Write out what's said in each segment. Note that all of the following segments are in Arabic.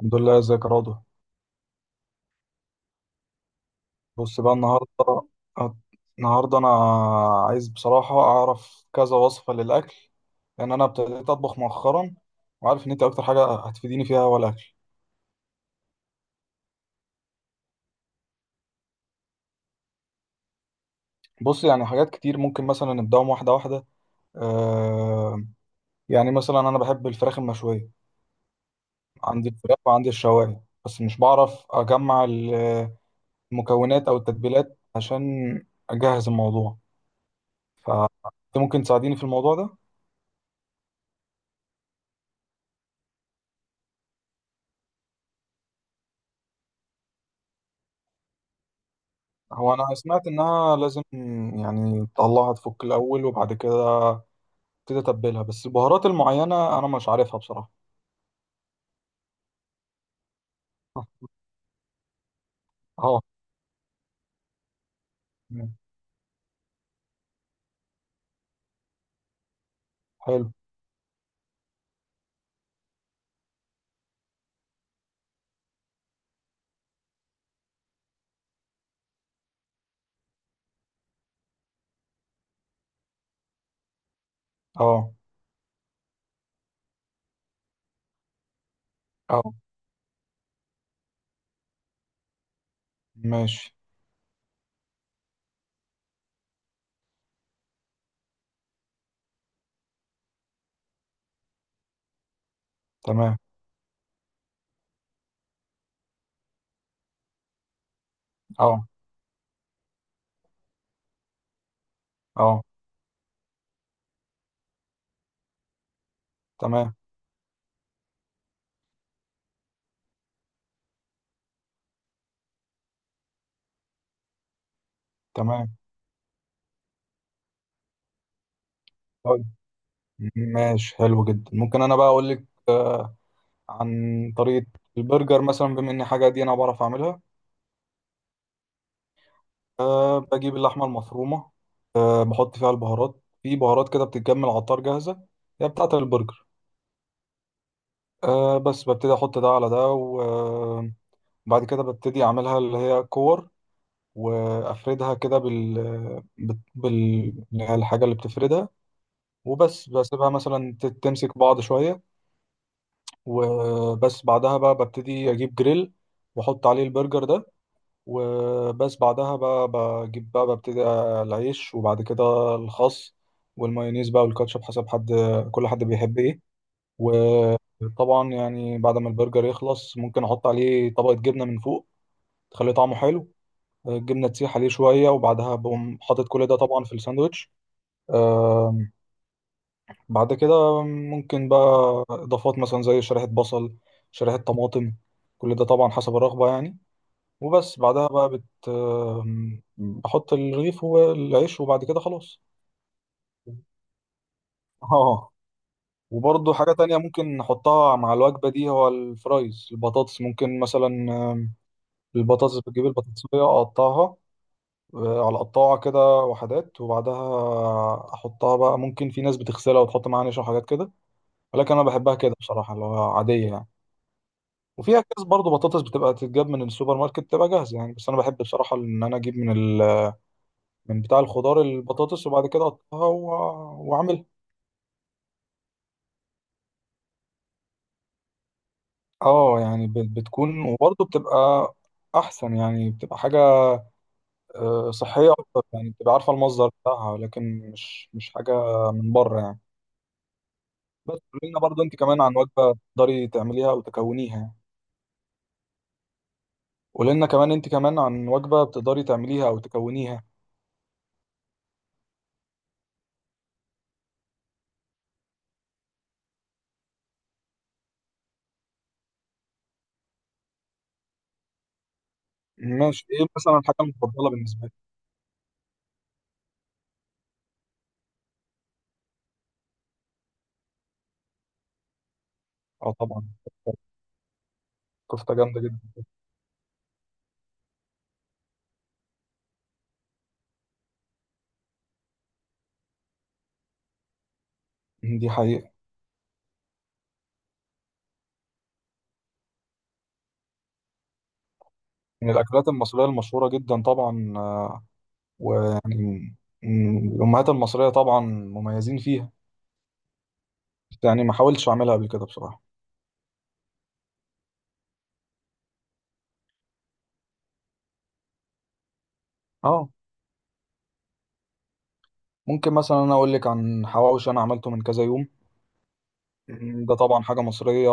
الحمد لله، ازيك يا راضي؟ بص بقى، النهارده أت- انا عايز بصراحه اعرف كذا وصفه للاكل. لان انا ابتديت اطبخ مؤخرا، وعارف ان انت اكتر حاجه هتفيديني فيها هو الاكل. بص، يعني حاجات كتير ممكن مثلا نبداهم واحده واحده. آه يعني مثلا انا بحب الفراخ المشويه. عندي الفراخ وعندي الشوايه، بس مش بعرف اجمع المكونات او التتبيلات عشان اجهز الموضوع. فانت ممكن تساعديني في الموضوع ده؟ هو انا سمعت انها لازم، يعني تطلعها تفك الاول وبعد كده تبتدي تتبلها، بس البهارات المعينه انا مش عارفها بصراحه. اه. آه،. تمام. حلو. اه. اه. ماشي. تمام. اه. اه. تمام. تمام. طيب. ماشي. حلو جدا. ممكن انا بقى اقول لك عن طريقه البرجر مثلا، بما ان حاجه دي انا بعرف اعملها. أه، بجيب اللحمه المفرومه. أه، بحط فيها البهارات، في بهارات كده بتتجمع على العطار جاهزه هي بتاعه البرجر. أه، بس ببتدي احط ده على ده، وبعد كده ببتدي اعملها اللي هي كور، وافردها كده اللي هي الحاجه اللي بتفردها. وبس بسيبها مثلا تمسك بعض شويه. وبس بعدها بقى ببتدي اجيب جريل، واحط عليه البرجر ده. وبس بعدها بقى بجيب بقى ببتدي العيش وبعد كده الخس، والمايونيز بقى والكاتشب حسب حد، كل حد بيحب ايه. طبعا يعني بعد ما البرجر يخلص، ممكن احط عليه طبقة جبنة من فوق تخليه طعمه حلو. الجبنة تسيح عليه شوية، وبعدها بقوم حاطط كل ده طبعا في الساندوتش. آم، بعد كده ممكن بقى إضافات، مثلا زي شريحة بصل، شريحة طماطم، كل ده طبعا حسب الرغبة يعني. وبس بعدها بقى بت آم، بحط الرغيف والعيش، وبعد كده خلاص. اه. وبرضه حاجة تانية ممكن نحطها مع الوجبة دي هو الفرايز، البطاطس ممكن مثلا. البطاطس، بتجيب البطاطساية أقطعها على قطاعة كده وحدات، وبعدها أحطها بقى. ممكن في ناس بتغسلها وتحط معاها نشا وحاجات كده، ولكن أنا بحبها كده بصراحة، اللي هو عادية يعني. وفيها كيس برضه بطاطس بتبقى تتجاب من السوبر ماركت بتبقى جاهزة يعني، بس أنا بحب بصراحة إن أنا أجيب من ال... من بتاع الخضار البطاطس، وبعد كده أقطعها وأعملها. أه يعني بتكون، وبرضه بتبقى أحسن يعني، بتبقى حاجة صحية أكتر يعني، بتبقى عارفة المصدر بتاعها، لكن مش حاجة من بره يعني. بس قولي لنا برضه انت كمان عن وجبه تقدري تعمليها او تكونيها. قولي لنا كمان انت كمان عن وجبه بتقدري تعمليها او تكونيها. ماشي. ايه مثلا الحاجه المفضله بالنسبه لك؟ اه طبعا. كفته جامده جدا. دي حقيقه. من الاكلات المصريه المشهوره جدا طبعا، ويعني الامهات المصريه طبعا مميزين فيها. بس يعني ما حاولتش اعملها قبل كده بصراحه. اه. ممكن مثلا انا اقول لك عن حواوشي، انا عملته من كذا يوم. ده طبعا حاجه مصريه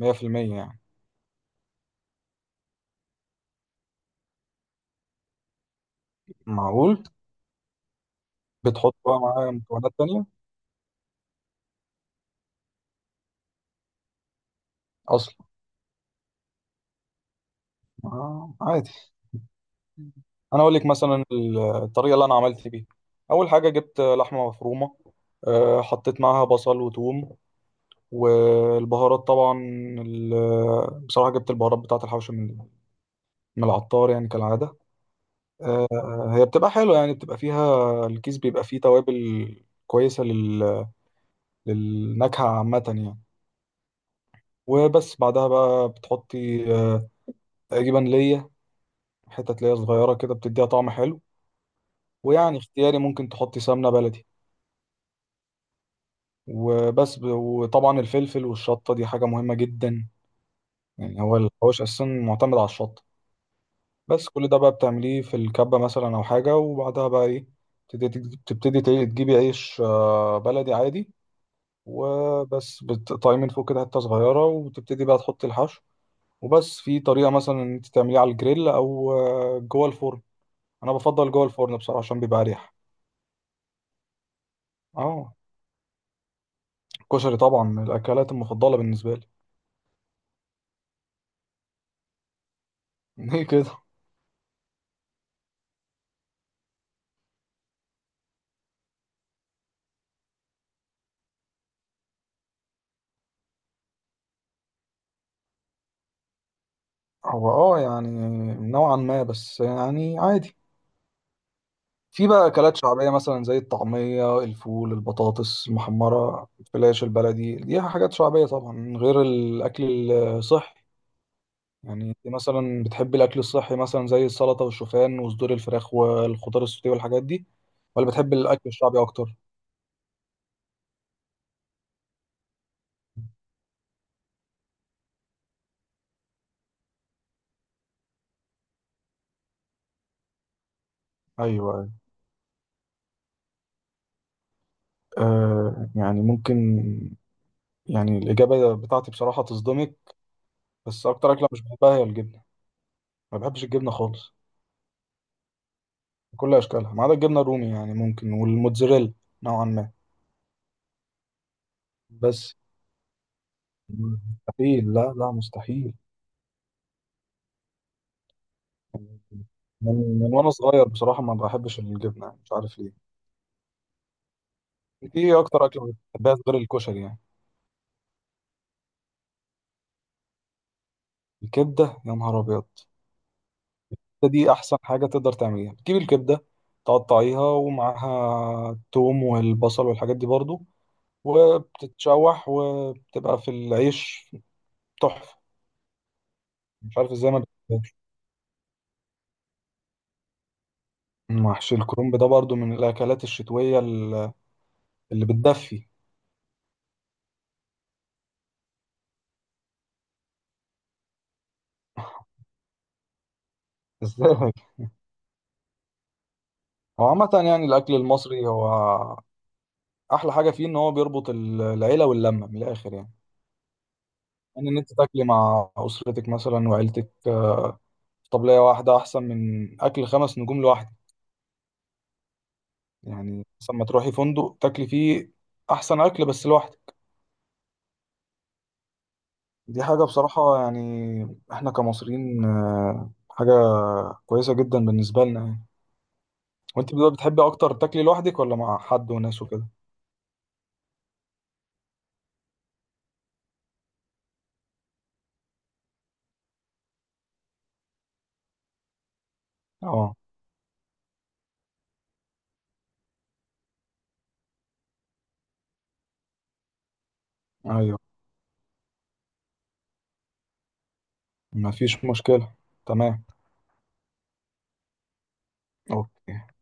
100%، يعني. معقول. بتحط بقى معاه مكونات تانية؟ اصلا؟ آه، عادي. انا اقول لك مثلا الطريقه اللي انا عملت بيها. اول حاجه، جبت لحمه مفرومه. حطيت معاها بصل وثوم، والبهارات طبعا. بصراحه جبت البهارات بتاعه الحوشه من العطار يعني كالعاده. هي بتبقى حلوه يعني، بتبقى فيها الكيس بيبقى فيه توابل كويسه للنكهه عامه يعني. وبس بعدها بقى بتحطي تقريبا ليا، حتة ليا صغيرة كده بتديها طعم حلو. ويعني اختياري ممكن تحطي سمنة بلدي. وبس وطبعا الفلفل والشطة دي حاجة مهمة جدا. يعني هو الحواوش أساسا معتمد على الشطة. بس كل ده بقى بتعمليه في الكبة مثلا أو حاجة، وبعدها بقى إيه، تبتدي تجيبي عيش بلدي عادي. وبس بتقطعيه من فوق كده حتة صغيرة، وتبتدي بقى تحطي الحشو. وبس في طريقة مثلا إن أنت تعمليه على الجريل أو جوه الفرن. أنا بفضل جوه الفرن بصراحة عشان بيبقى أريح. أه. الكشري طبعا من الأكلات المفضلة بالنسبة لي. ليه كده؟ هو اه يعني نوعا ما، بس يعني عادي. في بقى اكلات شعبيه مثلا زي الطعميه، الفول، البطاطس المحمره، الفلاش البلدي، دي حاجات شعبيه طبعا من غير الاكل الصحي. يعني انت مثلا بتحبي الاكل الصحي، مثلا زي السلطه والشوفان وصدور الفراخ والخضار السوتيه والحاجات دي، ولا بتحبي الاكل الشعبي اكتر؟ ايوه. أيوة. يعني ممكن، يعني الاجابه بتاعتي بصراحه تصدمك، بس اكتر اكله مش بحبها هي الجبنه. ما بحبش الجبنه خالص. كل اشكالها، ما عدا الجبنه الرومي يعني ممكن، والموتزاريلا نوعا ما. بس مستحيل، لا لا مستحيل. من وانا صغير بصراحه ما بحبش الجبنه، يعني مش عارف ليه. انت ايه اكتر اكله بتحبها غير الكشري يعني؟ الكبده يا نهار ابيض! دي احسن حاجه تقدر تعمليها. بتجيب الكبده تقطعيها ومعاها الثوم والبصل والحاجات دي برضو، وبتتشوح وبتبقى في العيش تحفه. مش عارف ازاي ما بتحبهاش. محشي الكرنب ده برضو من الاكلات الشتويه اللي بتدفي. ازاي؟ هو عامة يعني الأكل المصري، هو أحلى حاجة فيه إن هو بيربط العيلة واللمة من الآخر يعني. يعني إن أنت تاكلي مع أسرتك مثلا وعيلتك في طبلية واحدة أحسن من أكل خمس نجوم لوحدك. يعني مثلا ما تروحي فندق تاكلي فيه أحسن أكل بس لوحدك. دي حاجة بصراحة يعني، إحنا كمصريين حاجة كويسة جدا بالنسبة لنا يعني. وأنت بقى بتحبي أكتر تاكلي لوحدك ولا مع حد وناس وكده؟ أه. أيوه. مفيش مشكلة. تمام. اوكي.